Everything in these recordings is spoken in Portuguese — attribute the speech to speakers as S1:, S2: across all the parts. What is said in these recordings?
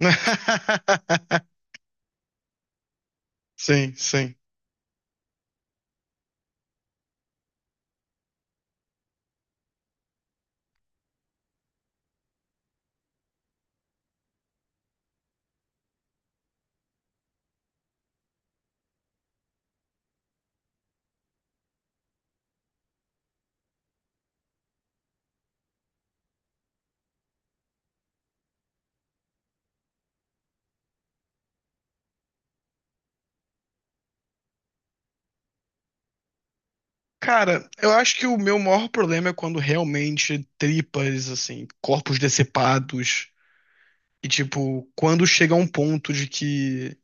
S1: Sim, sim. Cara, eu acho que o meu maior problema é quando realmente tripas, assim, corpos decepados, e tipo, quando chega a um ponto de que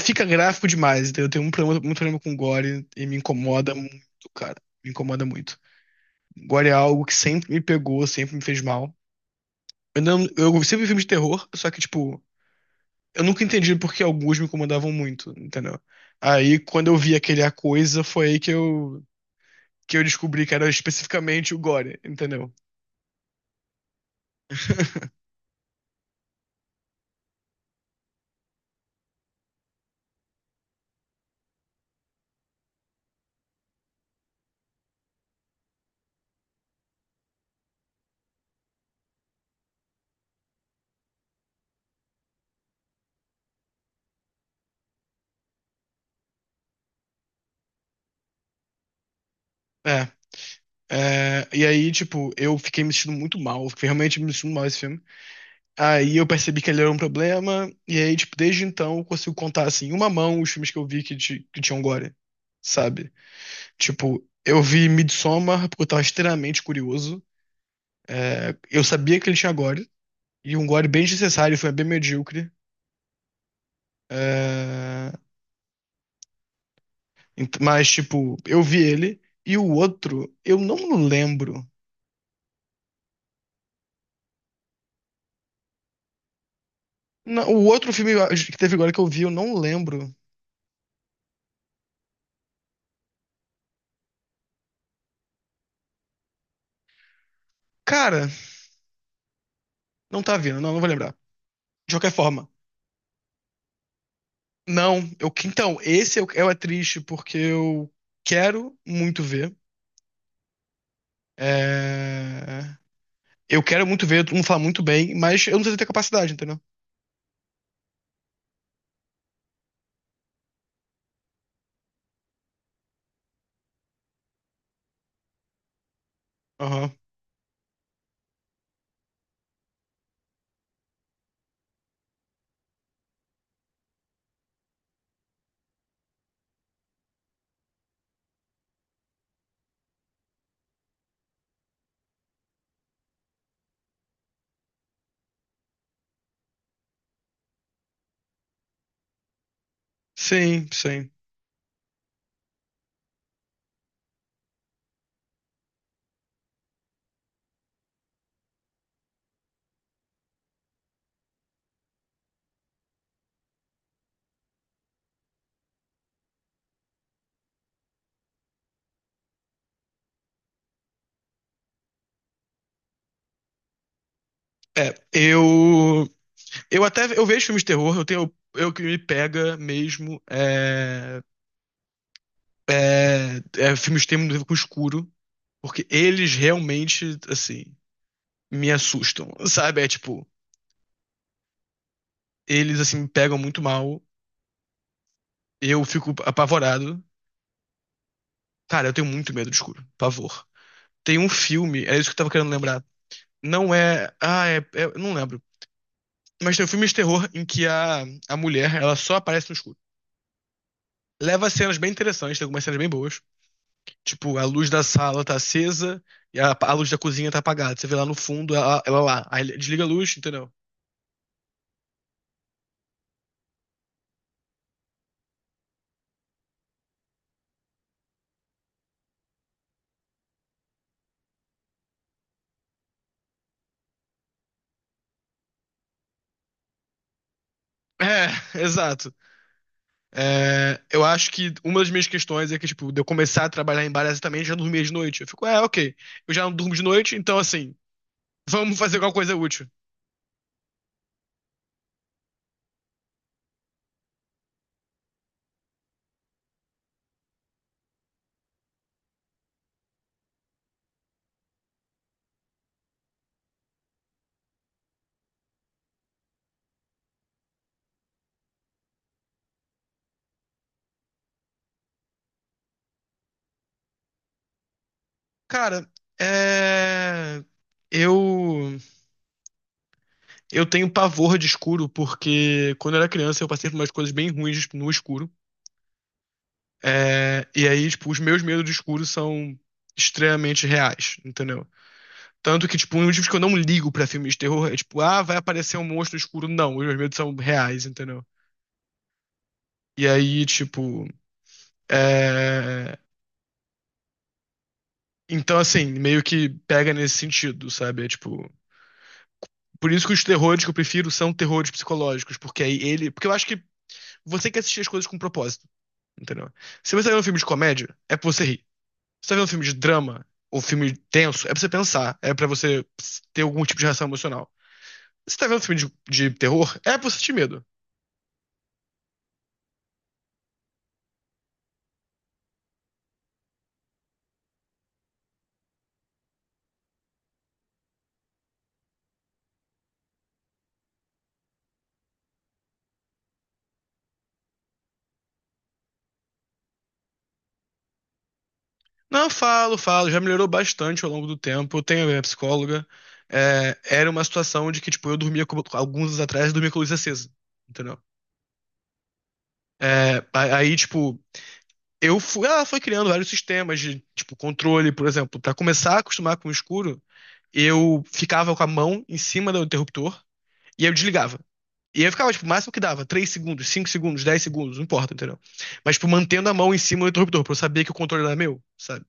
S1: fica gráfico demais, entendeu? Eu tenho um problema, muito problema com gore e me incomoda muito, cara. Me incomoda muito. Gore é algo que sempre me pegou, sempre me fez mal. Eu, não, eu sempre vi filmes de terror, só que, tipo, eu nunca entendi por que alguns me incomodavam muito, entendeu? Aí, quando eu vi aquele A Coisa, foi aí que eu descobri que era especificamente o Gore, entendeu? É. é, e aí, tipo, eu fiquei me sentindo muito mal, fiquei realmente me sentindo mal esse filme. Aí eu percebi que ele era um problema, e aí, tipo, desde então eu consigo contar, assim, em uma mão os filmes que eu vi que, que tinham Gore, sabe? Tipo, eu vi Midsommar porque eu tava extremamente curioso. É, eu sabia que ele tinha Gore, e um Gore bem desnecessário, foi bem medíocre. É, mas, tipo, eu vi ele, e o outro, eu não lembro. Não, o outro filme que teve agora que eu vi, eu não lembro. Cara, não tá vindo, não, não vou lembrar. De qualquer forma, não. Eu, então, esse eu, é triste porque eu quero muito ver. É, eu quero muito ver, todo mundo fala muito bem, mas eu não sei se eu tenho capacidade, entendeu? Aham. Sim, sim. É, eu. Eu até eu vejo filmes de terror, eu tenho. Eu que me pega mesmo é, é filmes de terror com escuro, porque eles realmente, assim, me assustam, sabe? É tipo, eles assim me pegam muito mal, eu fico apavorado. Cara, eu tenho muito medo de escuro, pavor. Tem um filme, é isso que eu tava querendo lembrar. Não é, ah, eu não lembro. Mas tem um filme de terror em que a mulher, ela só aparece no escuro. Leva cenas bem interessantes, tem algumas cenas bem boas. Tipo, a luz da sala tá acesa e a luz da cozinha tá apagada. Você vê lá no fundo, ela lá. Aí ele desliga a luz, entendeu? É, exato. É, eu acho que uma das minhas questões é que, tipo, de eu começar a trabalhar em bar é exatamente, eu já dormia de noite. Eu fico, é, ok, eu já não durmo de noite, então assim, vamos fazer alguma coisa útil. Cara, é. Eu, eu tenho pavor de escuro porque quando eu era criança eu passei por umas coisas bem ruins tipo, no escuro. É, e aí, tipo, os meus medos de escuro são extremamente reais, entendeu? Tanto que, tipo, um dos motivos que eu não ligo pra filmes de terror é, tipo, ah, vai aparecer um monstro escuro. Não, os meus medos são reais, entendeu? E aí, tipo, é... Então, assim, meio que pega nesse sentido, sabe? É tipo. Por isso que os terrores que eu prefiro são terrores psicológicos, porque aí ele. Porque eu acho que você quer assistir as coisas com propósito, entendeu? Se você tá vendo um filme de comédia, é pra você rir. Se você tá vendo um filme de drama ou filme tenso, é pra você pensar, é pra você ter algum tipo de reação emocional. Se você tá vendo um filme de terror, é pra você sentir medo. Não, falo, falo. Já melhorou bastante ao longo do tempo. Eu tenho a minha psicóloga. É, era uma situação de que, tipo, eu dormia com, alguns anos atrás, eu dormia com a luz acesa. Entendeu? É, aí, tipo, eu fui. Ela foi criando vários sistemas de, tipo, controle, por exemplo. Pra começar a acostumar com o escuro, eu ficava com a mão em cima do interruptor e eu desligava. E eu ficava, tipo, o máximo que dava, 3 segundos, 5 segundos, 10 segundos, não importa, entendeu? Mas, tipo, mantendo a mão em cima do interruptor, pra eu saber que o controle era meu, sabe?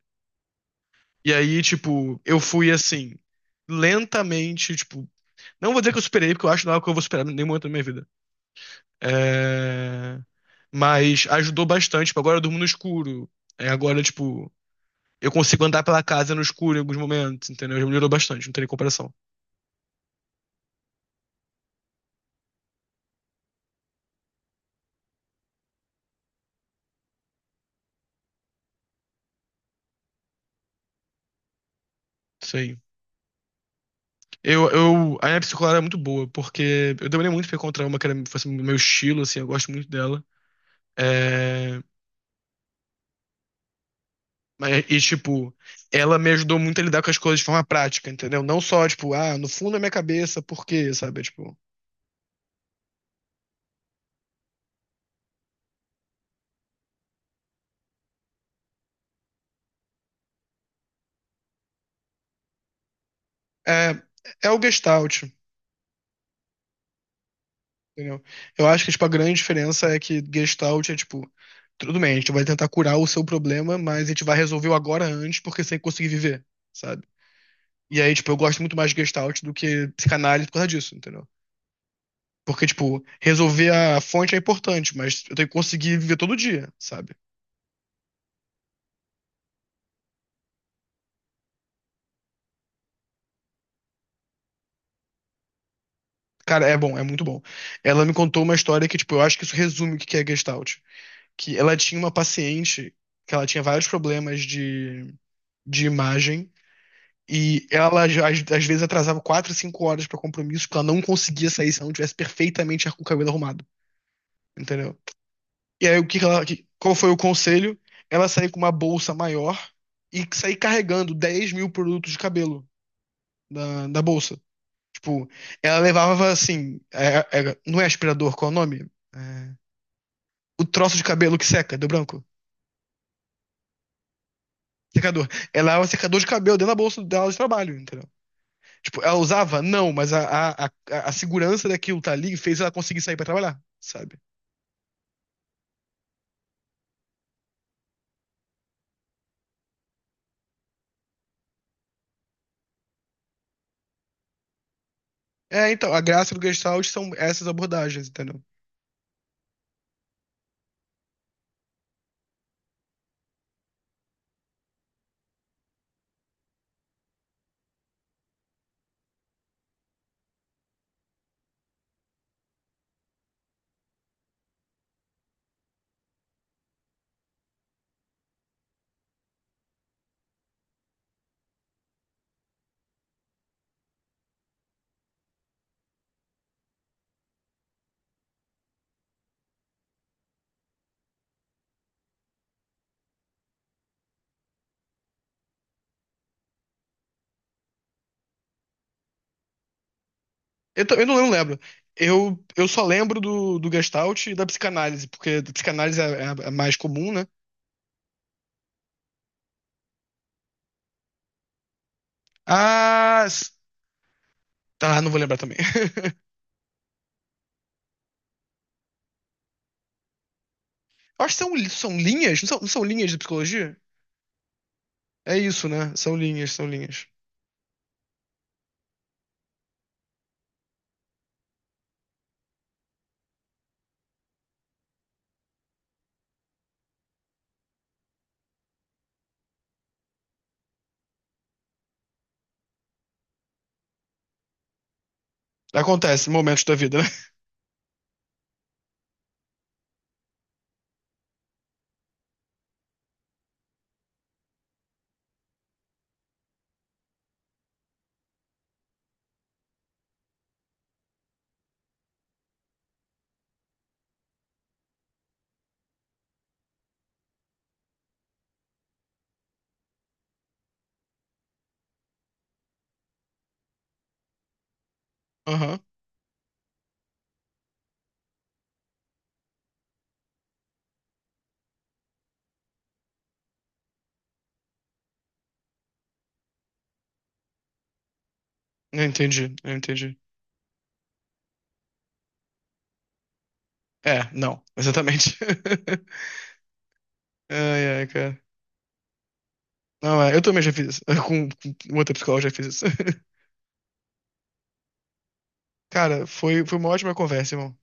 S1: E aí, tipo, eu fui assim, lentamente, tipo, não vou dizer que eu superei, porque eu acho que não é algo que eu vou superar em nenhum momento da minha vida. É... Mas ajudou bastante. Tipo, agora eu durmo no escuro. É, agora, tipo, eu consigo andar pela casa no escuro em alguns momentos, entendeu? Já melhorou bastante, não tem nem comparação. Sim. Eu, a minha psicóloga era muito boa, porque eu demorei muito pra encontrar uma que era, fosse meu estilo, assim, eu gosto muito dela. É, mas, e, tipo, ela me ajudou muito a lidar com as coisas de forma prática, entendeu? Não só, tipo, ah, no fundo da minha cabeça, por quê, sabe? Tipo, é, é o Gestalt, entendeu? Eu acho que, tipo, a grande diferença é que Gestalt é, tipo, tudo bem, a gente vai tentar curar o seu problema, mas a gente vai resolver o agora antes, porque sem conseguir viver, sabe? E aí, tipo, eu gosto muito mais de Gestalt do que psicanálise por causa disso, entendeu? Porque, tipo, resolver a fonte é importante, mas eu tenho que conseguir viver todo dia, sabe? Cara, é bom, é muito bom. Ela me contou uma história que, tipo, eu acho que isso resume o que que é Gestalt. Que ela tinha uma paciente que ela tinha vários problemas de imagem e ela, já- às vezes, atrasava 4, 5 horas pra compromisso porque ela não conseguia sair se ela não tivesse perfeitamente com o cabelo arrumado, entendeu? E aí, o que que ela, que- qual foi o conselho? Ela sair com uma bolsa maior e sair carregando 10 mil produtos de cabelo da bolsa. Tipo, ela levava, assim, não é aspirador, qual é o nome? É, o troço de cabelo que seca, do branco. Secador. Ela é um secador de cabelo dentro da bolsa dela de trabalho, entendeu? Tipo, ela usava? Não, mas a segurança daquilo tá ali fez ela conseguir sair pra trabalhar, sabe? É, então, a graça do Gestalt são essas abordagens, entendeu? Eu não lembro. Eu só lembro do Gestalt e da psicanálise, porque a psicanálise é, é a mais comum, né? Ah, tá, não vou lembrar também. Eu acho que são, são linhas, não são linhas de psicologia? É isso, né? São linhas, são linhas. Acontece, momentos da vida, né? Aham, eu entendi, eu entendi. É, não, exatamente. Ai, ai, cara. Não, é, eu também já fiz isso. Com outra psicóloga já fiz isso. Cara, foi uma ótima conversa, irmão.